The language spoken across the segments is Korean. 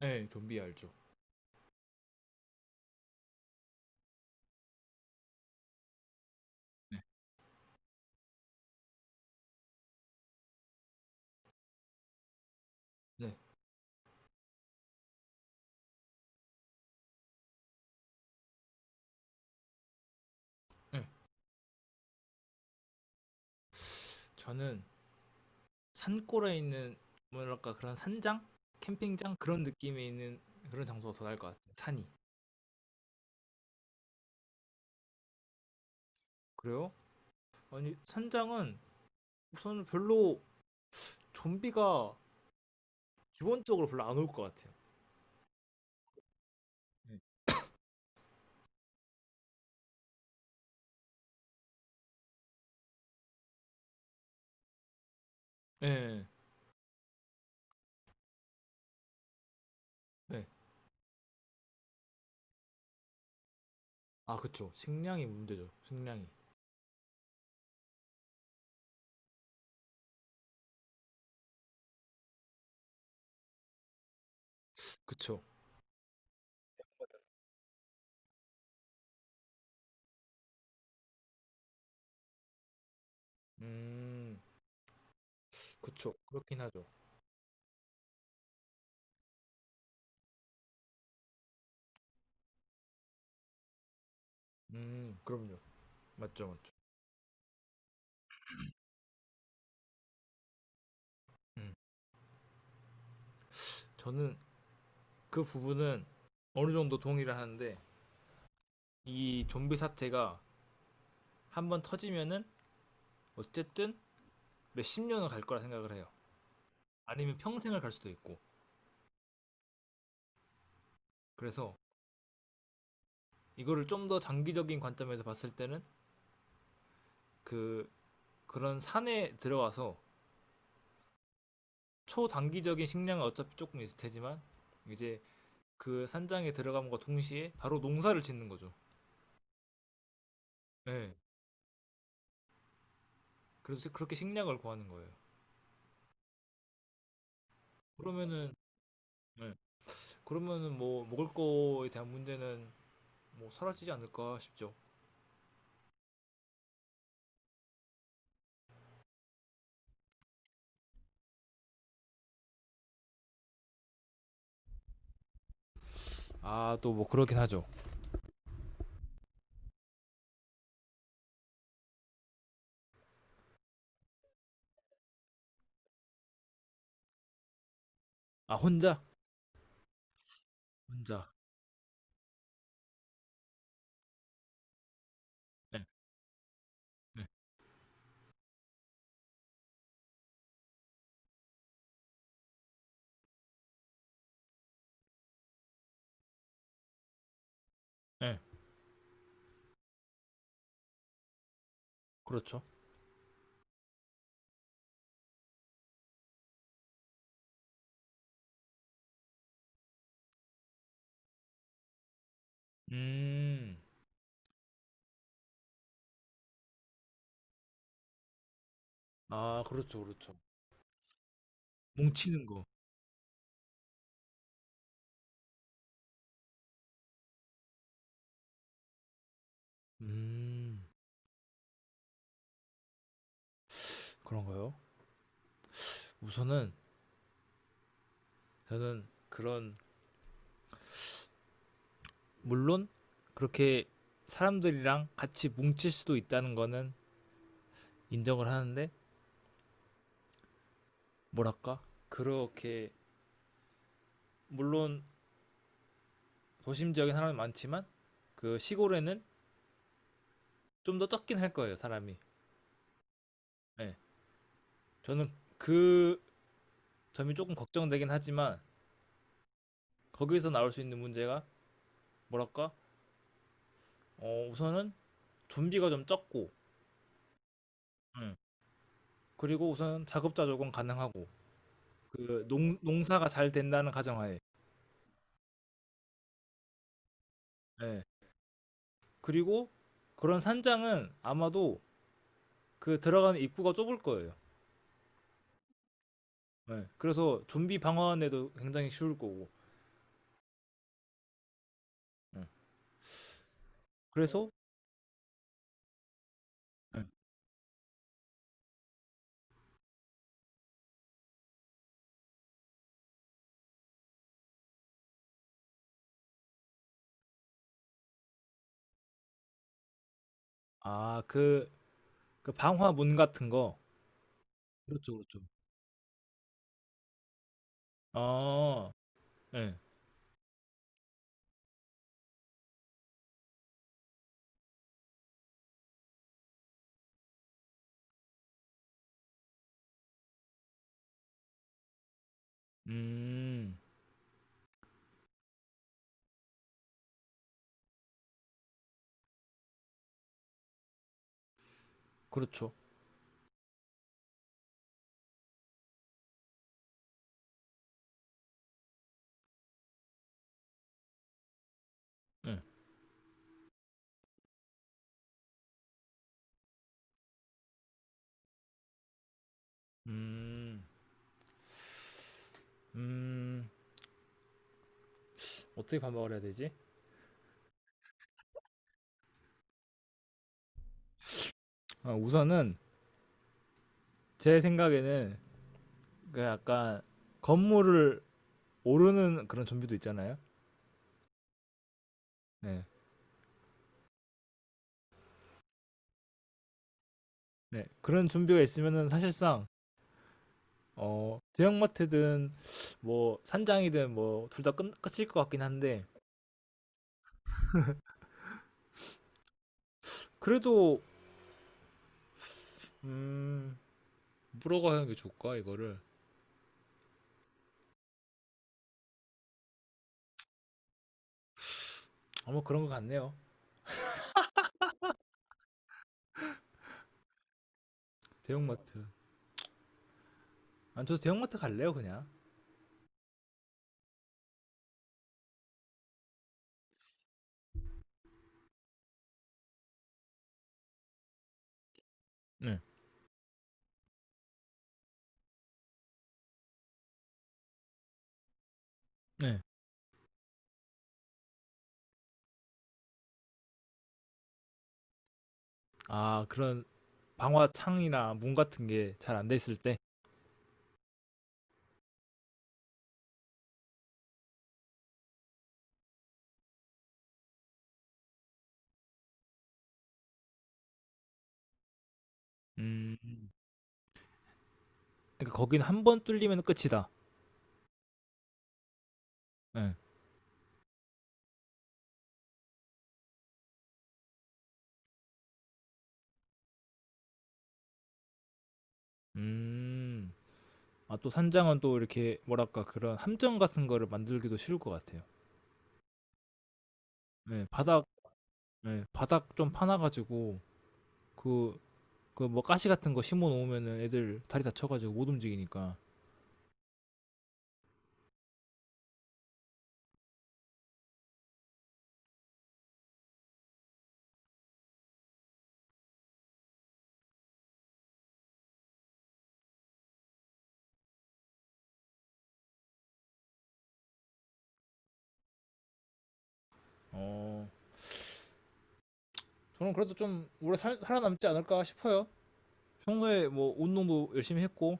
네. 좀비 알죠. 네. 네. 네. 저는 산골에 있는 뭐랄까 그런 산장? 캠핑장? 그런 느낌이 있는 그런 장소가 더 나을 것 같아요. 산이. 그래요? 아니 산장은 우선 별로 좀비가 기본적으로 별로 안 올 것 같아요. 네, 네. 네. 아 그쵸. 식량이 문제죠. 식량이. 그쵸. 음. 그쵸. 그렇긴 하죠. 음. 그럼요. 맞죠, 맞죠. 음. 저는 그 부분은 어느 정도 동의를 하는데 이 좀비 사태가 한번 터지면은 어쨌든 몇 십 년은 갈 거라 생각을 해요. 아니면 평생을 갈 수도 있고. 그래서 이거를 좀 더 장기적인 관점에서 봤을 때는 그 그런 산에 들어가서 초단기적인 식량은 어차피 조금 있을 테지만 이제 그 산장에 들어감과 동시에 바로 농사를 짓는 거죠. 네. 그래서 그렇게 식량을 구하는 거예요. 그러면은 네. 그러면은 뭐 먹을 거에 대한 문제는 뭐 사라지지 않을까 싶죠. 아 또 뭐 그렇긴 하죠. 아 혼자 혼자. 네. 네. 네. 그렇죠. 음. 아 그렇죠, 그렇죠. 뭉치는 거. 음, 그런가요? 우선은 저는 그런 물론 그렇게 사람들이랑 같이 뭉칠 수도 있다는 거는 인정을 하는데 뭐랄까? 그렇게 물론 도심 지역에 사람이 많지만 그 시골에는 좀 더 적긴 할 거예요, 사람이. 예. 저는 그 점이 조금 걱정되긴 하지만 거기서 나올 수 있는 문제가 뭐랄까? 어, 우선은 좀비가 좀 적고 예. 그리고 우선 작업자 조건 가능하고 그 농 농사가 잘 된다는 가정하에. 예. 그리고 그런 산장은 아마도 그 들어가는 입구가 좁을 거예요. 예. 그래서 좀비 방어하는데도 굉장히 쉬울 거고. 예. 네. 그래서 예. 아 그 그 방화문 같은 거. 그렇죠, 그렇죠. 아 예. 음. 그렇죠. 예. 음. 음. 어떻게 반박을 해야 되지? 아 우선은 제 생각에는 그 약간 건물을 오르는 그런 좀비도 있잖아요. 네. 네. 그런 좀비가 있으면은 사실상 어, 대형마트든 뭐 산장이든 뭐 둘 다 끝일 것 같긴 한데 그래도 음, 물어가 하는 게 좋을까 이거를 아마 뭐 그런 것 같네요. 대형마트. 안 저도 대형마트 갈래요 그냥. 네. 네. 아 그런 방화 창이나 문 같은 게 잘 안 돼 있을 때. 음. 그러니까 거긴 한번 뚫리면 끝이다. 네. 음. 아, 또 산장은 또 이렇게 뭐랄까 그런 함정 같은 거를 만들기도 쉬울 것 같아요. 예, 바닥 예, 바닥 좀 파놔 가지고 그 그 뭐 가시 같은 거 심어 놓으면은 애들 다리 다쳐 가지고 못 움직이니까. 어. 저는 그래도 좀 오래 살아남지 않을까 싶어요. 평소에 뭐 운동도 열심히 했고.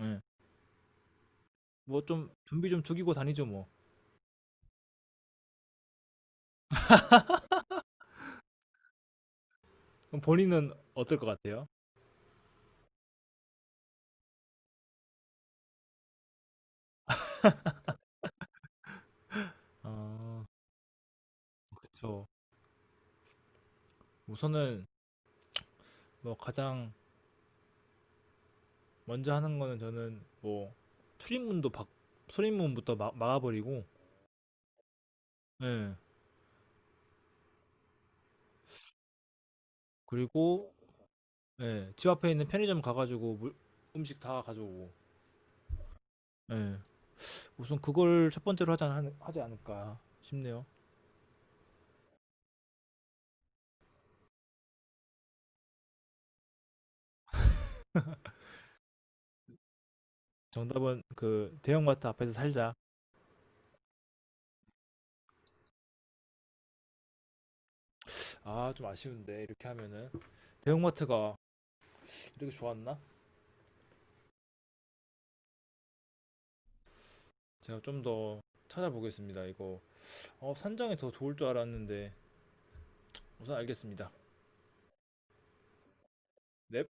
예. 뭐좀 좀비 좀 죽이고 다니죠, 뭐. 그럼 본인은 어떨 것 같아요? 아, 그쵸. 우선은 뭐 가장 먼저 하는 거는 저는 뭐 출입문도 박 출입문부터 막아버리고 예 그리고 예집 앞에 있는 편의점 가가지고 물, 음식 다 가져오고 예 우선 그걸 첫 번째로 하지 않을까 싶네요. 정답은 그 대형마트 앞에서 살자. 아 좀 아쉬운데 이렇게 하면은 대형마트가 이렇게 좋았나. 제가 좀 더 찾아보겠습니다 이거. 어 산장이 더 좋을 줄 알았는데 우선 알겠습니다. 넵.